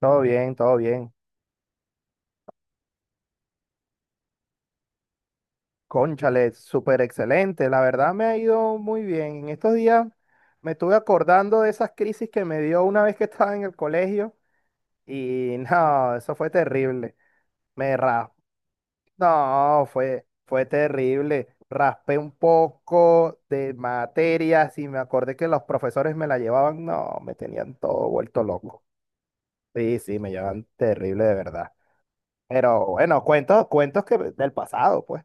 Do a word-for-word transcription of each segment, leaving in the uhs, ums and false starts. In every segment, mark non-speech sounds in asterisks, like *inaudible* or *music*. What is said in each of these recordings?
Todo bien, todo bien. Cónchale, súper excelente. La verdad me ha ido muy bien. En estos días me estuve acordando de esas crisis que me dio una vez que estaba en el colegio y *laughs* no, eso fue terrible. Me raspé. No, fue, fue terrible. Raspé un poco de materias y me acordé que los profesores me la llevaban. No, me tenían todo vuelto loco. Sí, sí, me llevan terrible de verdad. Pero bueno, cuentos, cuentos que del pasado, pues.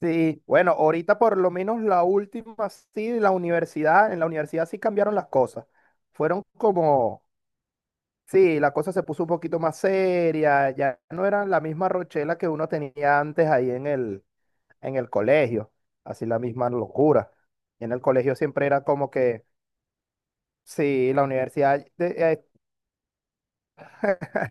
Sí, bueno, ahorita por lo menos la última, sí, la universidad, en la universidad sí cambiaron las cosas. Fueron como, sí, la cosa se puso un poquito más seria, ya no era la misma rochela que uno tenía antes ahí en el, en el colegio, así la misma locura. Y en el colegio siempre era como que, sí, la universidad, de-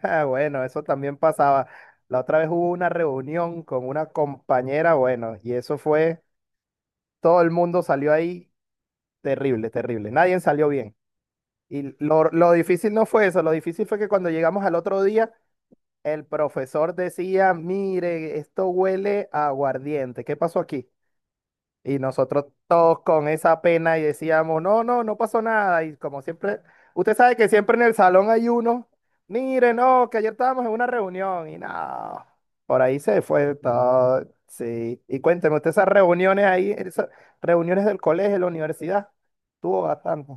eh, *laughs* bueno, eso también pasaba. La otra vez hubo una reunión con una compañera, bueno, y eso fue todo el mundo salió ahí. Terrible, terrible. Nadie salió bien. Y lo, lo difícil no fue eso, lo difícil fue que cuando llegamos al otro día, el profesor decía, mire, esto huele a aguardiente, ¿qué pasó aquí? Y nosotros todos con esa pena y decíamos, no, no, no pasó nada. Y como siempre, usted sabe que siempre en el salón hay uno, mire, no, que ayer estábamos en una reunión y no, por ahí se fue todo. Sí, y cuénteme, usted esas reuniones ahí, esas reuniones del colegio, de la universidad, tuvo bastante.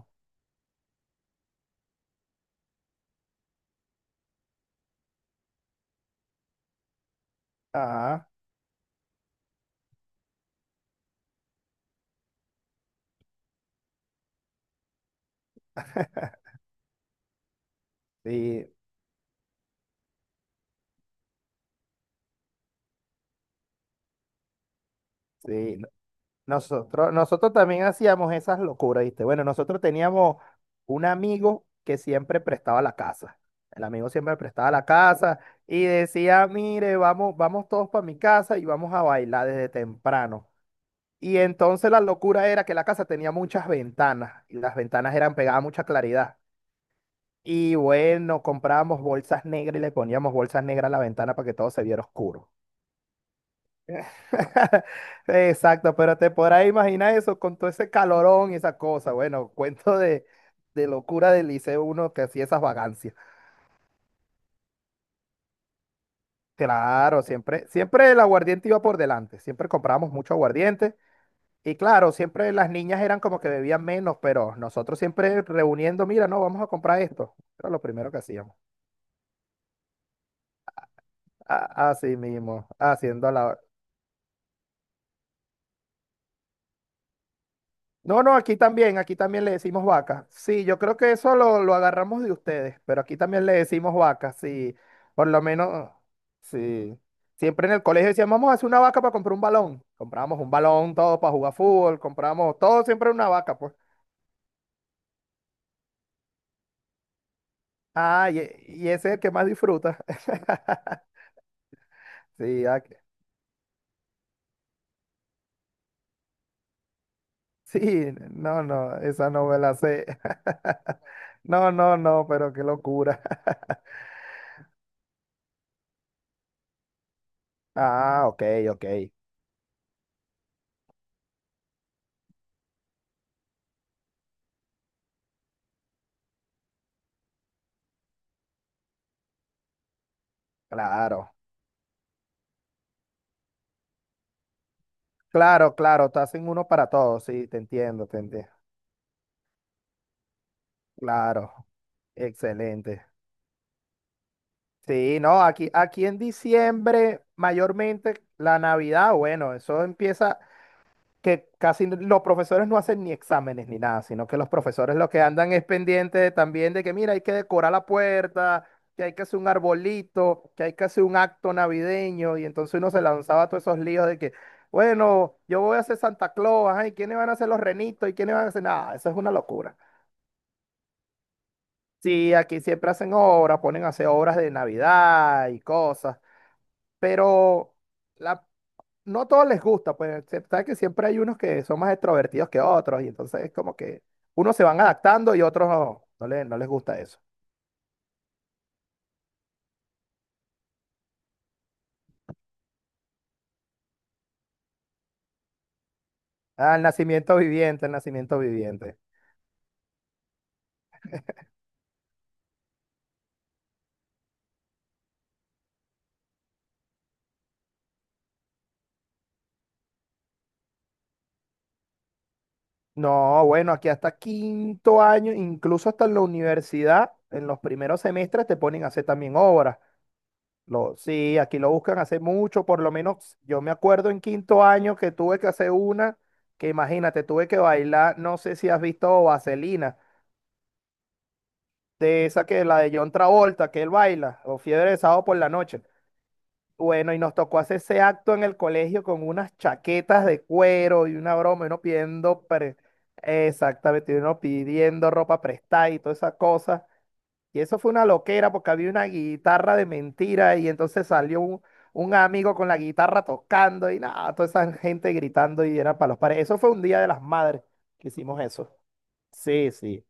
Ajá, sí, sí. no- Nosotros, nosotros también hacíamos esas locuras, ¿viste? Bueno, nosotros teníamos un amigo que siempre prestaba la casa. El amigo siempre prestaba la casa y decía, mire, vamos, vamos todos para mi casa y vamos a bailar desde temprano. Y entonces la locura era que la casa tenía muchas ventanas y las ventanas eran pegadas a mucha claridad. Y bueno, comprábamos bolsas negras y le poníamos bolsas negras a la ventana para que todo se viera oscuro. *laughs* Exacto, pero te podrás imaginar eso con todo ese calorón y esa cosa. Bueno, cuento de, de locura del liceo uno que hacía esas vagancias. Claro, siempre, siempre el aguardiente iba por delante, siempre comprábamos mucho aguardiente. Y claro, siempre las niñas eran como que bebían menos, pero nosotros siempre reuniendo, mira, no, vamos a comprar esto. Era lo primero que hacíamos. A- Así mismo, haciendo la. No, no, aquí también, aquí también le decimos vaca. Sí, yo creo que eso lo, lo agarramos de ustedes, pero aquí también le decimos vaca, sí. Por lo menos, sí. Siempre en el colegio decíamos, vamos a hacer una vaca para comprar un balón. Comprábamos un balón, todo para jugar fútbol, compramos todo, siempre una vaca, pues. Ah, y, y ese es el que más disfruta. *laughs* Sí, ah, que- sí, no, no, esa no me la sé. *laughs* No, no, no, pero qué locura. *laughs* Ah, ok, ok, claro. Claro, claro, te hacen uno para todos, sí, te entiendo, te entiendo. Claro, excelente. Sí, no, aquí, aquí en diciembre, mayormente la Navidad, bueno, eso empieza que casi n- los profesores no hacen ni exámenes ni nada, sino que los profesores lo que andan es pendiente también de que, mira, hay que decorar la puerta, que hay que hacer un arbolito, que hay que hacer un acto navideño, y entonces uno se lanzaba a todos esos líos de que. Bueno, yo voy a hacer Santa Claus, ajá, ¿y quiénes van a hacer los renitos? ¿Y quiénes van a hacer nada? Eso es una locura. Sí, aquí siempre hacen obras, ponen a hacer obras de Navidad y cosas, pero la, no a todos les gusta, pues se- sabes que siempre hay unos que son más extrovertidos que otros, y entonces es como que unos se van adaptando y otros no, no, le- no les gusta eso. Ah, el nacimiento viviente, el nacimiento viviente. No, bueno, aquí hasta quinto año, incluso hasta en la universidad, en los primeros semestres te ponen a hacer también obras. Lo, sí, aquí lo buscan hace mucho, por lo menos yo me acuerdo en quinto año que tuve que hacer una, que imagínate, tuve que bailar, no sé si has visto Vaselina, de esa que la de John Travolta, que él baila, o Fiebre de Sábado por la noche. Bueno, y nos tocó hacer ese acto en el colegio con unas chaquetas de cuero y una broma, y uno pidiendo, pre- exactamente, y uno pidiendo ropa prestada y toda esa cosa. Y eso fue una loquera porque había una guitarra de mentira y entonces salió un, un amigo con la guitarra tocando y nada, toda esa gente gritando y era para los pares. Eso fue un día de las madres que hicimos eso. Sí, sí.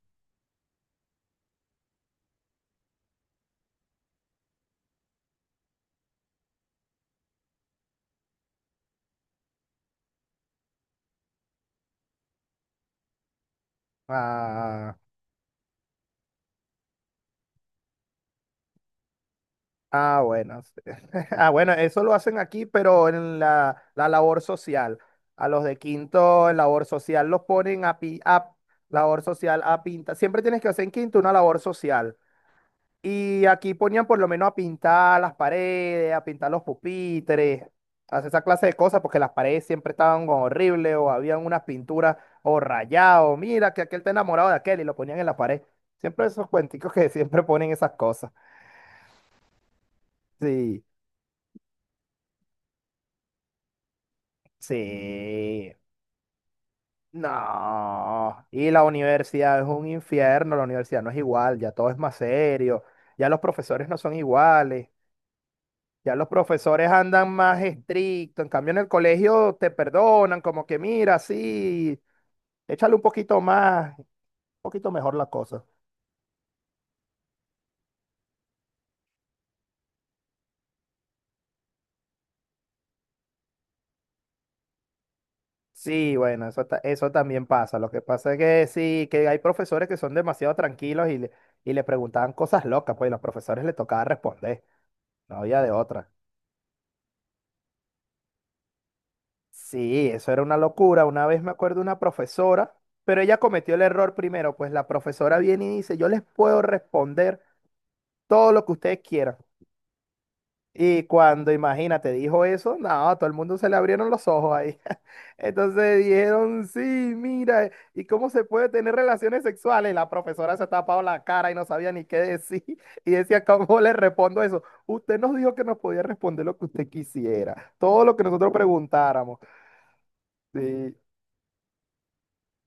Ah, ah, bueno. Sí. *laughs* Ah, bueno, eso lo hacen aquí, pero en la, la labor social. A los de quinto en labor social los ponen a, pi- a labor social a pinta. Siempre tienes que hacer en quinto una labor social. Y aquí ponían por lo menos a pintar las paredes, a pintar los pupitres, a hacer esa clase de cosas, porque las paredes siempre estaban como horribles o habían unas pinturas o rayados. Mira, que aquel está enamorado de aquel y lo ponían en la pared. Siempre esos cuenticos que *laughs* siempre ponen esas cosas. Sí, sí. No. Y la universidad es un infierno, la universidad no es igual, ya todo es más serio, ya los profesores no son iguales. Ya los profesores andan más estrictos, en cambio en el colegio te perdonan, como que mira, sí, échale un poquito más, un poquito mejor la cosa. Sí, bueno, eso, ta- eso también pasa. Lo que pasa es que sí, que hay profesores que son demasiado tranquilos y le, y le preguntaban cosas locas, pues y los profesores le tocaba responder, no había de otra. Sí, eso era una locura. Una vez me acuerdo una profesora, pero ella cometió el error primero, pues la profesora viene y dice, yo les puedo responder todo lo que ustedes quieran. Y cuando, imagínate, dijo eso, no, a todo el mundo se le abrieron los ojos ahí. *laughs* Entonces dijeron, sí, mira, ¿y cómo se puede tener relaciones sexuales? La profesora se tapaba la cara y no sabía ni qué decir. *laughs* Y decía, ¿cómo le respondo eso? Usted nos dijo que nos podía responder lo que usted quisiera, todo lo que nosotros preguntáramos. Sí,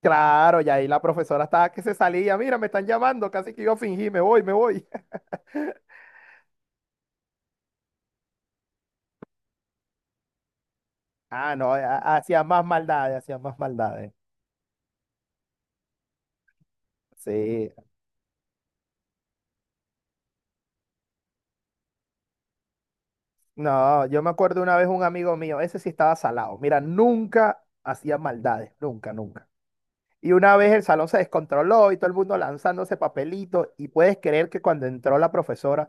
claro, y ahí la profesora estaba que se salía, mira, me están llamando, casi que yo fingí, me voy, me voy. *laughs* Ah, no, ha- hacían más maldades, hacían más maldades. Sí, no, yo me acuerdo una vez un amigo mío, ese sí estaba salado. Mira, nunca hacía maldades, nunca, nunca. Y una vez el salón se descontroló y todo el mundo lanzándose papelitos. Y puedes creer que cuando entró la profesora,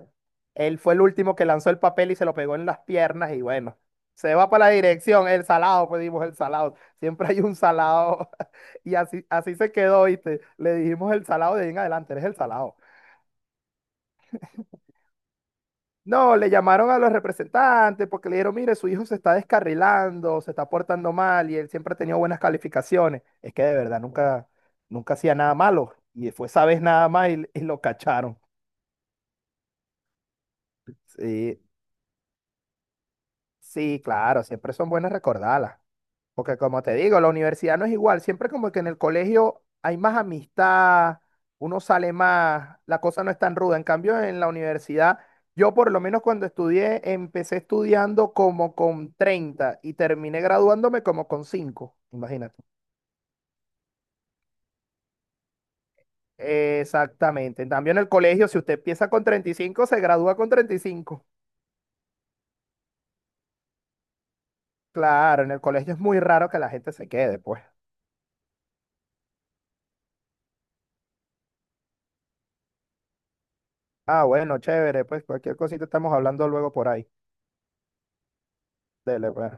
él fue el último que lanzó el papel y se lo pegó en las piernas. Y bueno, se va para la dirección, el salado, pues dijimos el salado. Siempre hay un salado. *laughs* Y así, así se quedó, ¿viste? Le dijimos el salado de ahí en adelante, eres el salado. No, le llamaron a los representantes porque le dijeron, mire, su hijo se está descarrilando, se está portando mal y él siempre ha tenido buenas calificaciones. Es que de verdad nunca, nunca hacía nada malo y fue esa vez nada más y, y lo cacharon. Sí, sí, claro, siempre son buenas recordarlas. Porque como te digo, la universidad no es igual. Siempre como que en el colegio hay más amistad, uno sale más, la cosa no es tan ruda. En cambio, en la universidad, yo por lo menos cuando estudié, empecé estudiando como con treinta y terminé graduándome como con cinco. Imagínate. Exactamente. En cambio, en el colegio, si usted empieza con treinta y cinco se gradúa con treinta y cinco. Claro, en el colegio es muy raro que la gente se quede, pues. Ah, bueno, chévere, pues cualquier cosita estamos hablando luego por ahí. Dele, pues.